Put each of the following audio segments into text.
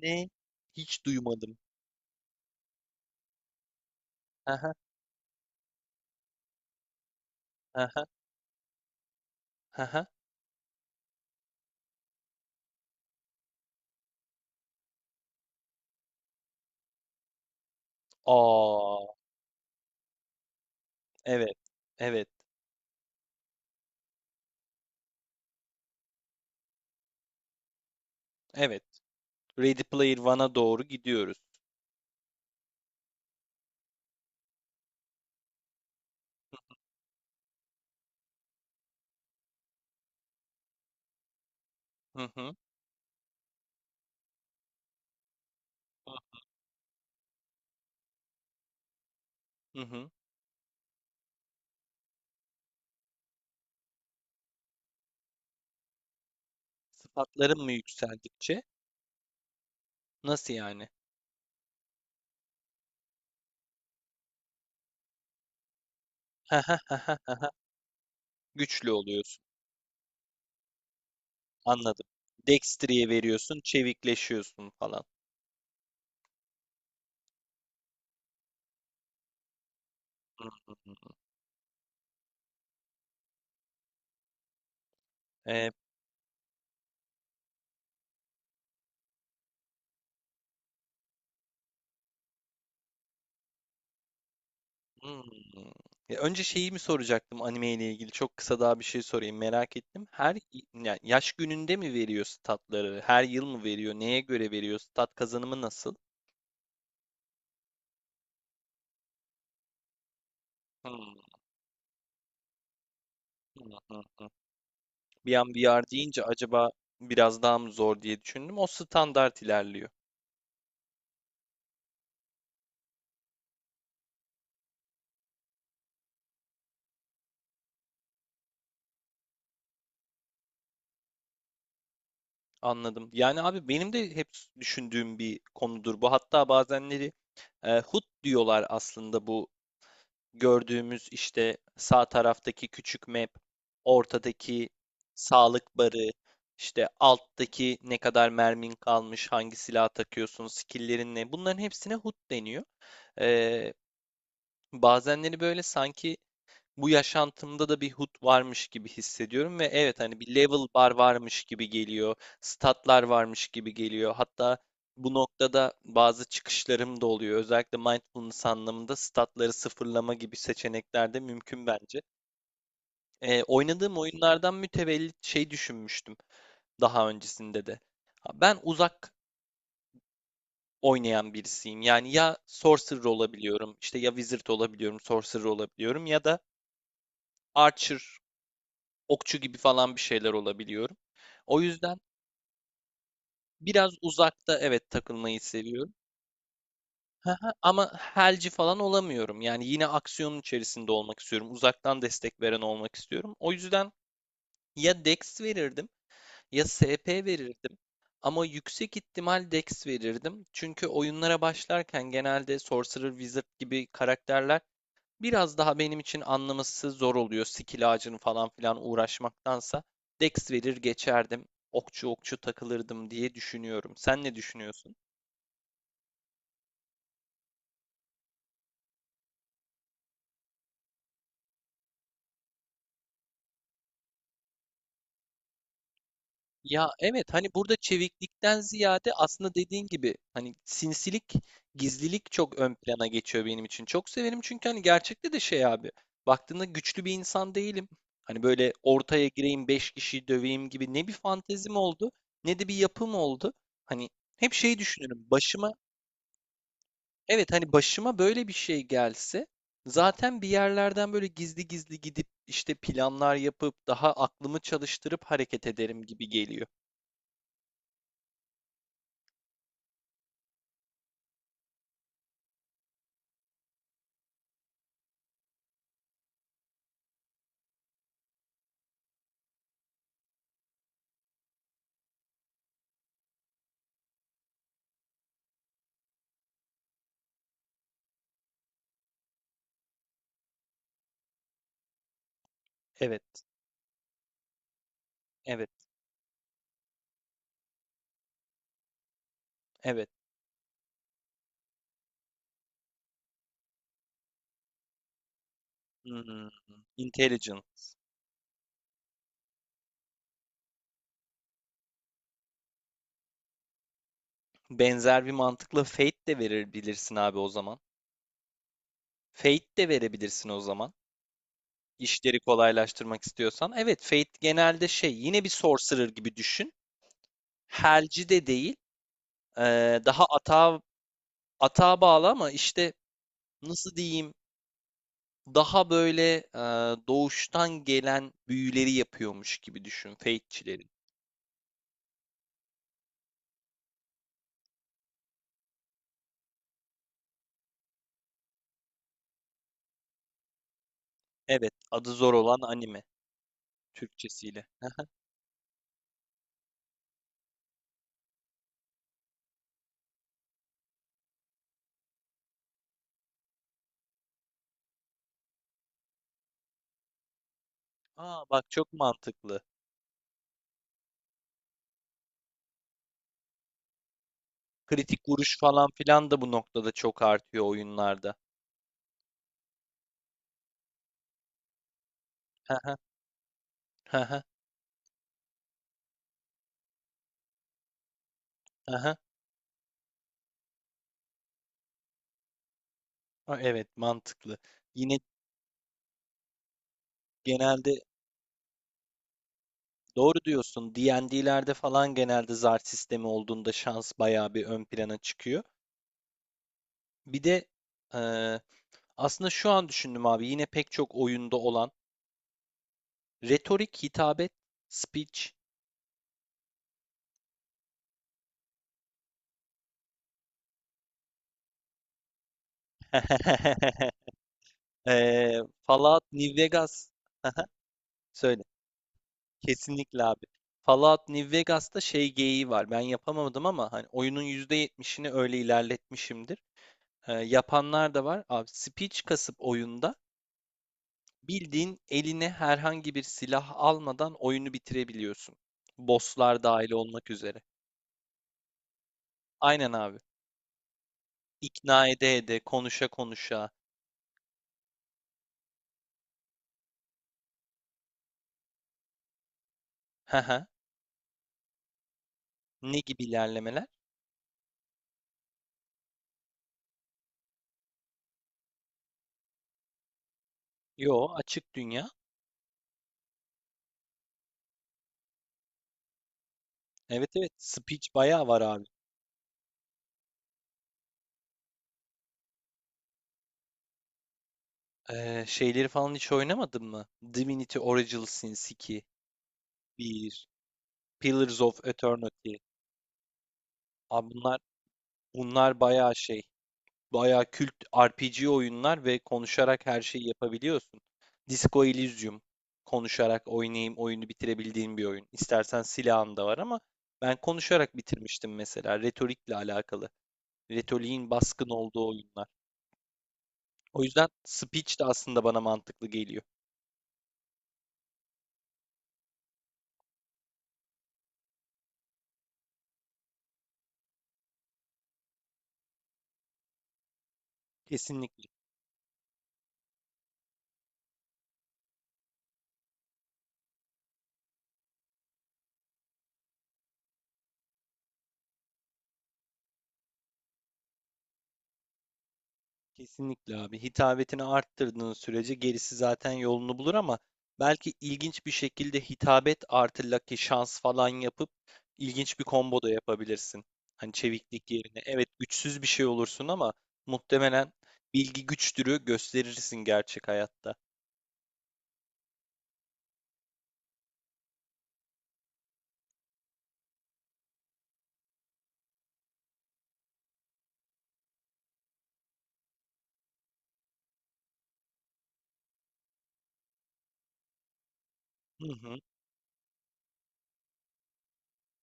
Ne? Hiç duymadım. Aha, aha, aha. Aa, evet, evet, evet. Ready Player One'a doğru gidiyoruz. Hı hı, hı hı. Sıfatların mı yükseldikçe? Nasıl yani? Aha, aha, aha. Güçlü oluyorsun. Anladım. Dextry'ye veriyorsun, çevikleşiyorsun falan. Hı hı hı. Evet. Hmm. Ya önce şeyi mi soracaktım anime ile ilgili? Çok kısa daha bir şey sorayım merak ettim. Her yani yaş gününde mi veriyor statları? Her yıl mı veriyor? Neye göre veriyor? Stat kazanımı nasıl? Hmm, hmm, hmm, hmm. Bir an VR deyince acaba biraz daha mı zor diye düşündüm. O standart ilerliyor. Anladım. Yani abi benim de hep düşündüğüm bir konudur bu. Hatta bazenleri HUD diyorlar aslında bu gördüğümüz işte sağ taraftaki küçük map, ortadaki sağlık barı, işte alttaki ne kadar mermin kalmış, hangi silah takıyorsun, skill'lerin ne bunların hepsine HUD deniyor. Ee, bazenleri böyle sanki bu yaşantımda da bir hut varmış gibi hissediyorum ve evet hani bir level bar varmış gibi geliyor, statlar varmış gibi geliyor. Hatta bu noktada bazı çıkışlarım da oluyor. Özellikle mindfulness anlamında statları sıfırlama gibi seçenekler de mümkün bence. Oynadığım oyunlardan mütevellit şey düşünmüştüm daha öncesinde de. Ha, ben uzak oynayan birisiyim. Yani ya sorcerer olabiliyorum, işte ya wizard olabiliyorum, sorcerer olabiliyorum ya da archer okçu gibi falan bir şeyler olabiliyorum. O yüzden biraz uzakta evet takılmayı seviyorum. Hı hı, ama helci falan olamıyorum. Yani yine aksiyonun içerisinde olmak istiyorum. Uzaktan destek veren olmak istiyorum. O yüzden ya Dex verirdim ya SP verirdim. Ama yüksek ihtimal Dex verirdim. Çünkü oyunlara başlarken genelde Sorcerer, Wizard gibi karakterler biraz daha benim için anlaması zor oluyor. Skill ağacını falan filan uğraşmaktansa Dex verir geçerdim. Okçu okçu takılırdım diye düşünüyorum. Sen ne düşünüyorsun? Ya evet hani burada çeviklikten ziyade aslında dediğin gibi hani sinsilik, gizlilik çok ön plana geçiyor benim için. Çok severim çünkü hani gerçekte de şey abi. Baktığında güçlü bir insan değilim. Hani böyle ortaya gireyim 5 kişiyi döveyim gibi ne bir fantezim oldu ne de bir yapım oldu. Hani hep şey düşünürüm. Evet, hani başıma böyle bir şey gelse zaten bir yerlerden böyle gizli gizli gidip işte planlar yapıp daha aklımı çalıştırıp hareket ederim gibi geliyor. Evet, evet, evet. Hmm, intelligence. Benzer bir mantıkla fate de verebilirsin abi o zaman. Fate de verebilirsin o zaman. İşleri kolaylaştırmak istiyorsan. Evet, fate genelde şey yine bir sorcerer gibi düşün. Helci de değil. Daha atağa bağlı ama işte nasıl diyeyim. Daha böyle, doğuştan gelen büyüleri yapıyormuş gibi düşün Fate'çilerin. Evet, adı zor olan anime Türkçesiyle. Hı hı. Bak çok mantıklı. Kritik vuruş falan filan da bu noktada çok artıyor oyunlarda. Hı hı. Hı hı. Evet, mantıklı. Yine genelde doğru diyorsun. D&D'lerde falan genelde zar sistemi olduğunda şans bayağı bir ön plana çıkıyor. Bir de, eee, aslında şu an düşündüm abi yine pek çok oyunda olan retorik, hitabet, speech. Fallout New Vegas. Söyle. Kesinlikle abi. Fallout New Vegas'ta şey geyiği var. Ben yapamadım ama hani oyunun %70'ini öyle ilerletmişimdir. Yapanlar da var. Abi speech kasıp oyunda bildiğin eline herhangi bir silah almadan oyunu bitirebiliyorsun. Bosslar dahil olmak üzere. Aynen abi. İkna ede ede, konuşa konuşa. Haha. Ne gibi ilerlemeler? Yo, açık dünya. Evet evet, speech bayağı var abi. Şeyleri falan hiç oynamadın mı? Divinity Original Sin 2, bir Pillars of Eternity. Abi bunlar bayağı şey, bayağı kült RPG oyunlar ve konuşarak her şeyi yapabiliyorsun. Disco Elysium konuşarak oynayayım oyunu bitirebildiğim bir oyun. İstersen silahın da var ama ben konuşarak bitirmiştim mesela retorikle alakalı. Retoriğin baskın olduğu oyunlar. O yüzden speech de aslında bana mantıklı geliyor. Kesinlikle. Kesinlikle abi. Hitabetini arttırdığın sürece gerisi zaten yolunu bulur ama belki ilginç bir şekilde hitabet artı lucky şans falan yapıp ilginç bir combo da yapabilirsin. Hani çeviklik yerine. Evet güçsüz bir şey olursun ama muhtemelen bilgi güçtürü gösterirsin gerçek hayatta. Hı hı,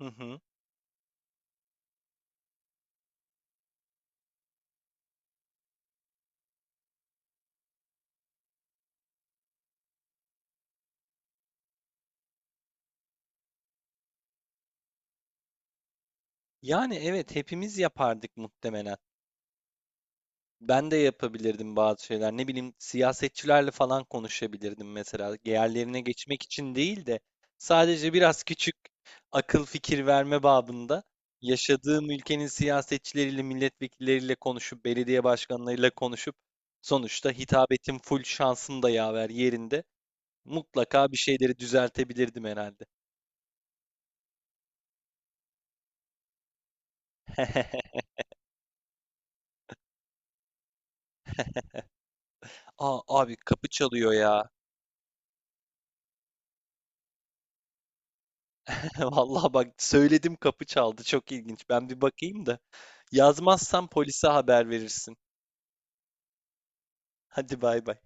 hı hı. Yani evet hepimiz yapardık muhtemelen. Ben de yapabilirdim bazı şeyler. Ne bileyim siyasetçilerle falan konuşabilirdim mesela. Yerlerine geçmek için değil de sadece biraz küçük akıl fikir verme babında yaşadığım ülkenin siyasetçileriyle, milletvekilleriyle konuşup, belediye başkanlarıyla konuşup sonuçta hitabetim full şansım da yaver yerinde. Mutlaka bir şeyleri düzeltebilirdim herhalde. Aa, abi kapı çalıyor ya. Vallahi bak söyledim kapı çaldı. Çok ilginç. Ben bir bakayım da. Yazmazsan polise haber verirsin. Hadi bay bay.